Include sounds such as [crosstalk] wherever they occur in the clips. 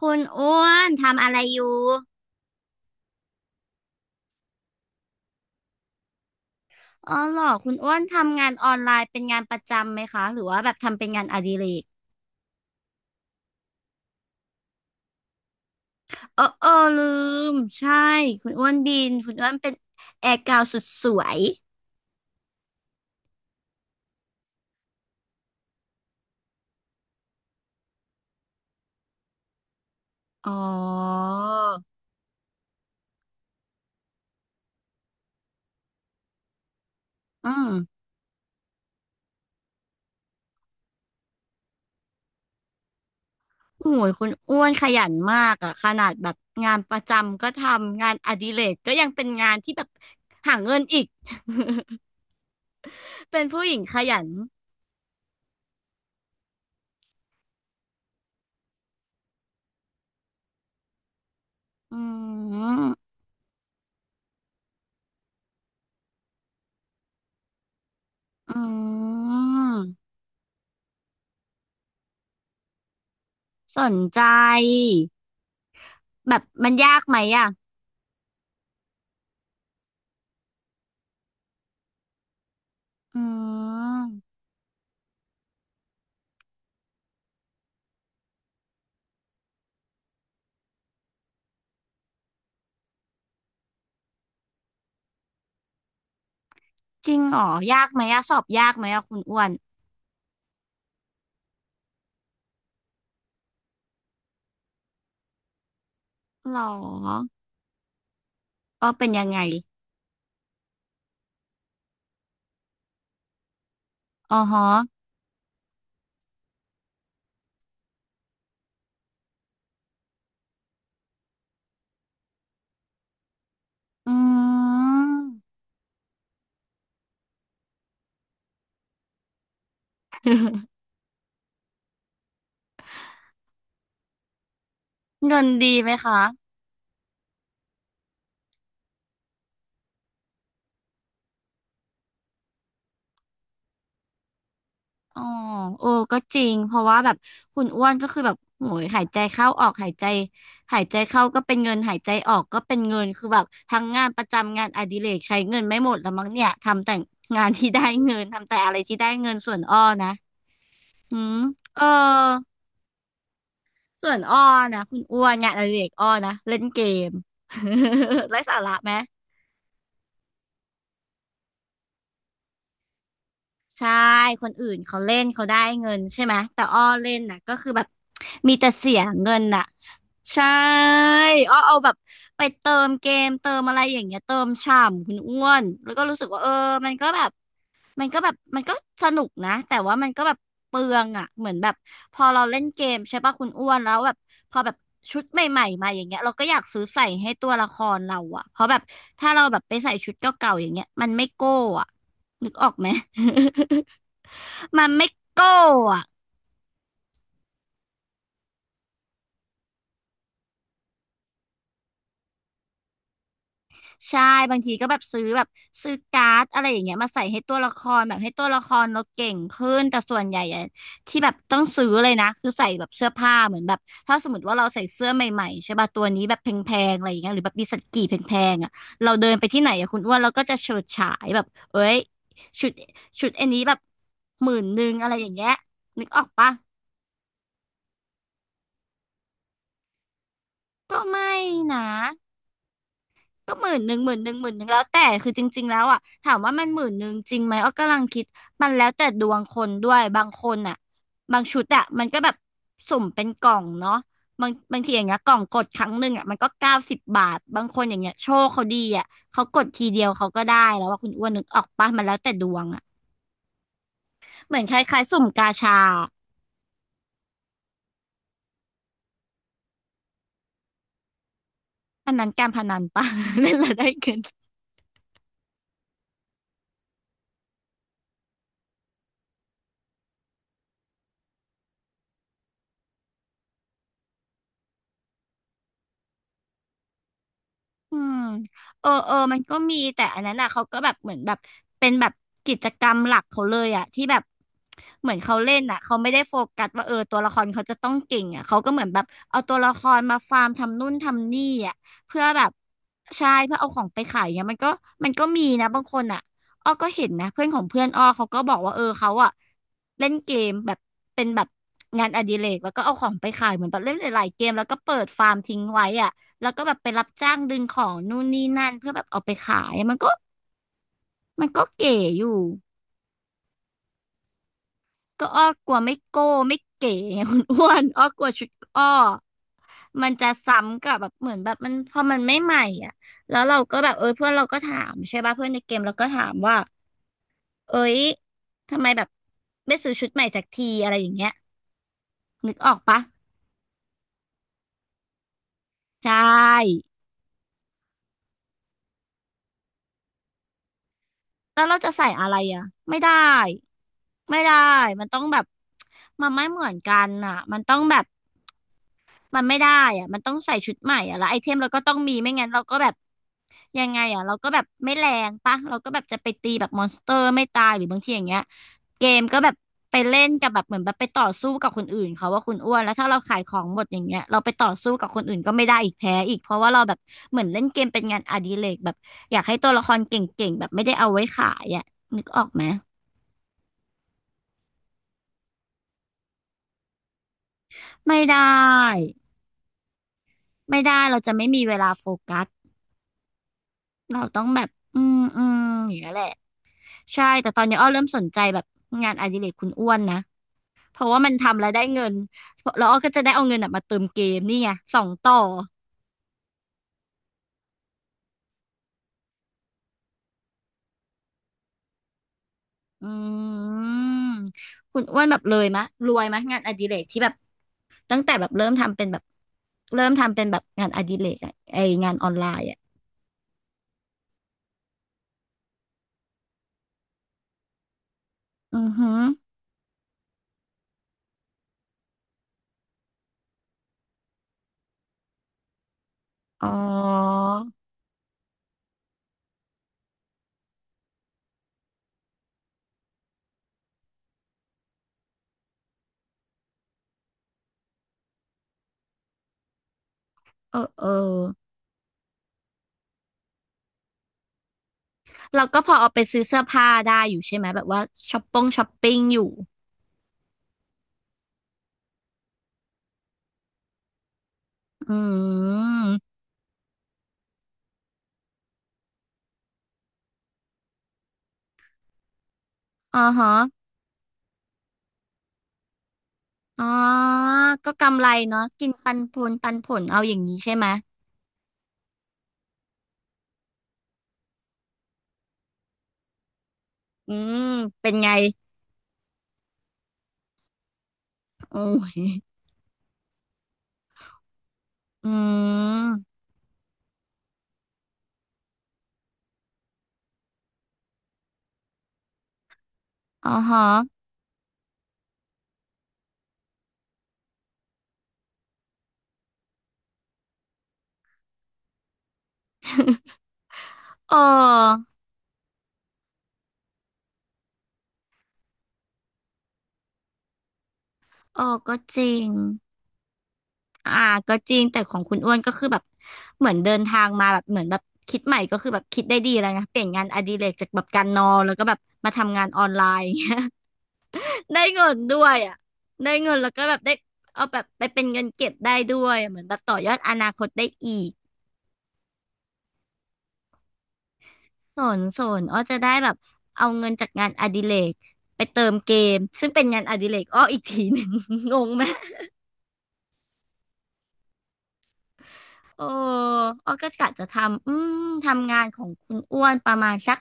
คุณอ้วนทำอะไรอยู่อ๋อเหรอคุณอ้วนทำงานออนไลน์เป็นงานประจำไหมคะหรือว่าแบบทำเป็นงานอดิเรกเออเออลืมใช่คุณอ้วนบินคุณอ้วนเป็นแอร์กาวสุดสวยอ๋ออืมโอ้ยคุณอ้วนขยันมากอะขนาดแบบงานประจำก็ทำงานอดิเรกก็ยังเป็นงานที่แบบหาเงินอีก [laughs] เป็นผู้หญิงขยันอืมอืมสนใจ แบบมันยากไหมอ่ะอืมจริงเหรอยากไหมอ่ะสอบยากไหมอ่ะคุณอ้วนหรอเออเป็นยังไงอ๋อฮะอืมเงินดีไหมคะอ๋อโอ้ก็จริงเพราะว่าแบบคุณอ้วนก็คือแบบโหยหายใจเข้าออกหายใจหายใจเข้าก็เป็นเงินหายใจออกก็เป็นเงินคือแบบทั้งงานประจำงานอดิเรกใช้เงินไม่หมดแล้วมั้งเนี่ยทำแต่งานที่ได้เงินทำแต่อะไรที่ได้เงินส่วนอ้อนะอืมเออ ส่วนอ้อนะคุณอ้วนงานอดิเรกอ้อนะเล่นเกม [laughs] ไร้สาระไหมใช่คนอื่นเขาเล่นเขาได้เงินใช่ไหมแต่อ้อเล่นน่ะก็คือแบบมีแต่เสียเงินน่ะใช่อ้อเอาแบบไปเติมเกมเติมอะไรอย่างเงี้ยเติมฉ่ำคุณอ้วนแล้วก็รู้สึกว่าเออมันก็แบบ มันก็สนุกนะแต่ว่ามันก็แบบเปลืองอ่ะเหมือนแบบพอเราเล่นเกมใช่ป่ะคุณอ้วนแล้วแบบพอแบบชุดใหม่ๆมาอย่างเงี้ยเราก็อยากซื้อใส่ให้ตัวละครเราอ่ะเพราะแบบถ้าเราแบบไปใส่ชุดเก่าๆอย่างเงี้ยมันไม่โก้อ่ะนึกออกไหม [laughs] มันไม่โก้อ่ะ ใช่บางทีก็แบบซื้อแบบซื้อการ์ดอะไรอย่างเงี้ยมาใส่ให้ตัวละครแบบให้ตัวละครเราเก่งขึ้นแต่ส่วนใหญ่อะที่แบบต้องซื้อเลยนะคือใส่แบบเสื้อผ้าเหมือนแบบถ้าสมมติว่าเราใส่เสื้อใหม่ๆใช่ป่ะตัวนี้แบบแพงๆอะไรอย่างเงี้ยหรือแบบมีสักกี่แพงๆอ่ะเราเดินไปที่ไหนอะคุณอ้วนเราก็จะเฉิดฉายแบบเอ้ยชุดชุดอันนี้แบบหมื่นหนึ่งอะไรอย่างเงี้ยนึกออกปะก็ไม่นะ ก็หมื่นหนึ่งหมื่นหนึ่งหมื่นหนึ่งแล้วแต่คือจริงๆแล้วอ่ะถามว่ามันหมื่นหนึ่งจริงไหมอ้อกำลังคิดมันแล้วแต่ดวงคนด้วยบางคนอ่ะบางชุดอ่ะมันก็แบบสุ่มเป็นกล่องเนาะบางทีอย่างเงี้ยกล่องกดครั้งหนึ่งอ่ะมันก็90 บาทบางคนอย่างเงี้ยโชคเขาดีอ่ะเขากดทีเดียวเขาก็ได้แล้วว่าคุณอ้วนนึกออกปะมันแล้วแต่ดวงอ่ะเหมือนคล้ายๆสุ่มกาชาอันนั้นการพนันปะ [laughs] เล่ [laughs] นแล้วได้เงิน อืมเออเออมันก็มีแต่อันนั้นอ่ะเขาก็แบบเหมือนแบบเป็นแบบกิจกรรมหลักเขาเลยอ่ะที่แบบเหมือนเขาเล่นอ่ะเขาไม่ได้โฟกัสว่าเออตัวละครเขาจะต้องเก่งอ่ะเขาก็เหมือนแบบเอาตัวละครมาฟาร์มทำนู่นทำนี่อ่ะเพื่อแบบใช่เพื่อเอาของไปขายเนี่ยมันก็มันก็มีนะบางคนอ่ะอ้อก็เห็นนะเพื่อนของเพื่อนอ้อเขาก็บอกว่าเออเขาอ่ะเล่นเกมแบบเป็นแบบงานอดิเรกแล้วก็เอาของไปขายเหมือนแบบเล่นหลายๆเกมแล้วก็เปิดฟาร์มทิ้งไว้อ่ะ แล้วก็แบบไปรับจ้างดึงของนู่นนี่นั่นเพื่อแบบเอาไปขายมันก็มันก็เก๋อยู่ก็อ้อกลัวไม่โก้ไม่เก๋ไงคุณอ้วน [laughs] อ้อกลัวชุดอ้อมันจะซ้ำกับแบบเหมือนแบบมันพอมันไม่ใหม่อ่ะแล้วเราก็แบบเออเพื่อนเราก็ถามใช่ป่ะเพื่อนในเกมเราก็ถามว่าเอ้ยทำไมแบบไม่ซื้อชุดใหม่สักทีอะไรอย่างเงี้ยนึกออกปะใช่ แล้วเราจะใส่อะไรอ่ะไม่ได้ไม่ได้มันต้องแบบมันไม่เหมือนกันอ่ะมันต้องแบบ มันไม่ได้อ่ะมันต้องใส่ชุดใหม่อ่ะแล้วไอเทมเราก็ต้องมีไม่งั้นเราก็แบบยังไงอ่ะเราก็แบบไม่แรงปะเราก็แบบจะไปตีแบบมอนสเตอร์ไม่ตายหรือบางทีอย่างเงี้ยเกมก็แบบไปเล่นกับแบบเหมือนแบบไปต่อสู้กับคนอื่นเขาว่าคุณอ้วนแล้วถ้าเราขายของหมดอย่างเงี้ยเราไปต่อสู้กับคนอื่นก็ไม่ได้อีกแพ้อีกเพราะว่าเราแบบเหมือนเล่นเกมเป็นงานอดิเรกแบบอยากให้ตัวละครเก่งๆแบบไม่ได้เอาไว้ขายอ่ะนึกออกไหมไม่ได้ไม่ได้เราจะไม่มีเวลาโฟกัสเราต้องแบบอย่างเงี้ยแหละ ใช่แต่ตอนนี้อ้อเริ่มสนใจแบบงานอดิเรกคุณอ้วนนะเพราะว่ามันทำแล้วได้เงินแล้วอ้อก็จะได้เอาเงินน่ะมาเติมเกมนี่ไงสองต่ออืมคุณอ้วนแบบเลยมะรวยมะงานอดิเรกที่แบบตั้งแต่แบบเริ่มทำเป็นแบบเริ่มทำเป็นแบบงานอดิเรกอะไองานออนไลน์อะอือหืออ๋อเออเออเราก็พอเอาไปซื้อเสื้อผ้าได้อยู่ใช่ไหมแบบว่าช้อปปิ้งอยู่อืมอ๋อฮะ อ๋อก็กำไรเนาะกินปันผลปันผลเอาอย่างนี้ใช่ไหมอืมเป็นไงโอ้ยอืมอ๋อฮะเออเออก็จริงอ่าก็จริง แต่ของคุณอ้วนก็คือแบบ เหมือนเดินทางมาแบบเหมือนแบบคิดใหม่ก็คือแบบคิดได้ดีแล้วนะเปลี่ยนงานอดิเรกจากแบบการนอนแล้วก็แบบมาทำงานออนไลน์ [laughs] อย่างเงี้ย [laughs] ได้เงินด้วยอ่ะได้เงินแล้วก็แบบได้เอาแบบไปเป็นเงินเก็บได้ด้วย เหมือนแบบต่อยอดอนาคตได้อีก สนสนอ้อจะได้แบบเอาเงินจากงานอดิเรกไปเติมเกมซึ่งเป็นงานอดิเรกอ้ออีกทีหนึ่ง [laughs] งงไหมโอ้อ้อก็กะจะทำอืมทำงานของคุณอ้วนประมาณสัก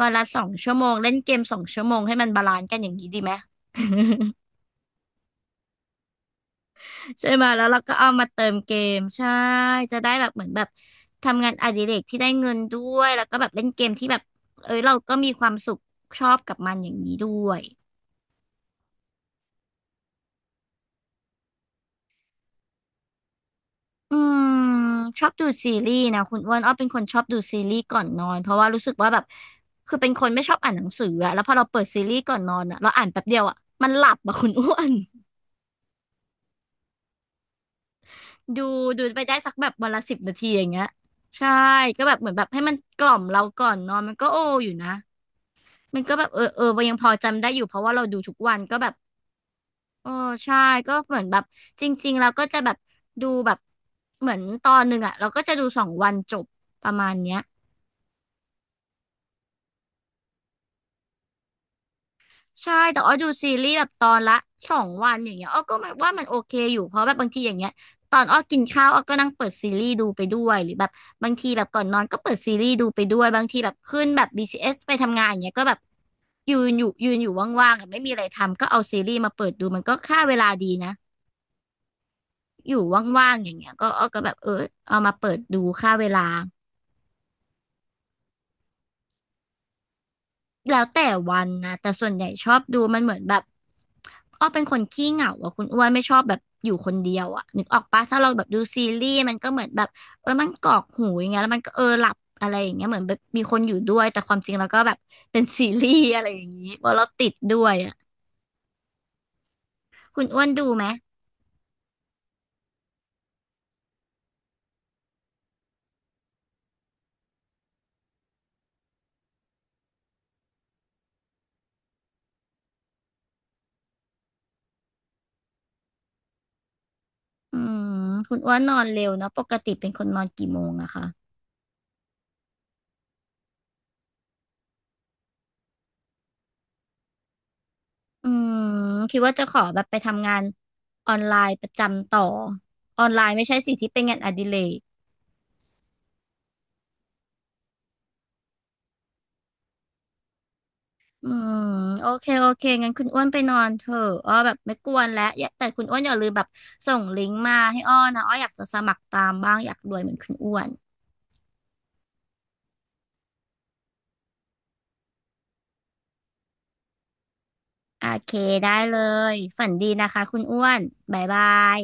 วันละสองชั่วโมงเล่นเกมสองชั่วโมงให้มันบาลานซ์กันอย่างนี้ดีไหม [laughs] ใช่ไหมแล้วเราก็เอามาเติมเกมใช่จะได้แบบเหมือนแบบทำงานอดิเรกที่ได้เงินด้วยแล้วก็แบบเล่นเกมที่แบบเอ้ยเราก็มีความสุขชอบกับมันอย่างนี้ด้วย อืมชอบดูซีรีส์นะคุณอ้วนอ้อเป็นคนชอบดูซีรีส์ก่อนนอนเพราะว่ารู้สึกว่าแบบคือเป็นคนไม่ชอบอ่านหนังสืออะแล้วพอเราเปิดซีรีส์ก่อนนอนอะเราอ่านแป๊บเดียวอะมันหลับอะคุณอ้วน [laughs] ดูดูไปได้สักแบบวันละ10 นาทีอย่างเงี้ยใช่ก็แบบเหมือนแบบให้มันกล่อมเราก่อนนอนมันก็โออยู่นะมันก็แบบเออเออยังพอจำได้อยู่เพราะว่าเราดูทุกวันก็แบบโอ้ใช่ก็เหมือนแบบจริงๆเราก็จะแบบดูแบบเหมือนตอนหนึ่งอะเราก็จะดูสองวันจบประมาณเนี้ย ใช่แต่อ้อดูซีรีส์แบบตอนละสองวันอย่างเงี้ยอ้อก็แบบว่ามันโอเคอยู่เพราะแบบบางทีอย่างเงี้ยตอนอ้อกินข้าวอ้อก็นั่งเปิดซีรีส์ดูไปด้วยหรือแบบบางทีแบบก่อนนอนก็เปิดซีรีส์ดูไปด้วยบางทีแบบขึ้นแบบBCSไปทำงานอย่างเงี้ยก็แบบยืนอยู่ว่างๆอะไม่มีอะไรทำก็เอาซีรีส์มาเปิดดูมันก็ฆ่าเวลาดีนะอยู่ว่างๆอย่างเงี้ยก็อ้อก็แบบเออเอามาเปิดดูฆ่าเวลา แล้วแต่วันนะแต่ส่วนใหญ่ชอบดูมันเหมือนแบบอ้อเป็นคนขี้เหงาอะคุณอ้วนไม่ชอบแบบอยู่คนเดียวอะนึกออกปะถ้าเราแบบดูซีรีส์มันก็เหมือนแบบเออมันกรอกหูอย่างเงี้ยแล้วมันก็เออหลับอะไรอย่างเงี้ยเหมือนแบบมีคนอยู่ด้วยแต่ความจริงแล้วก็แบบเป็นซีรีส์อะไรอย่างงี้เพราะเราติดด้วยอะคุณอ้วนดูไหมอืมคุณอ้วนนอนเร็วเนาะปกติเป็นคนนอนกี่โมงอะคะอืมคิดว่าจะขอแบบไปทำงานออนไลน์ประจำต่อออนไลน์ไม่ใช่สิที่เป็นงานอดิเรก อืมโอเคโอเคงั้นคุณอ้วนไปนอนเถอะอ้อแบบไม่กวนแล้วอย่าแต่คุณอ้วนอย่าลืมแบบส่งลิงก์มาให้อ้อนะอ้ออยากจะสมัครตามบ้างอยากรวยเหมือนคุณอ้วนโอเคได้เลยฝันดีนะคะคุณอ้วนบ๊ายบาย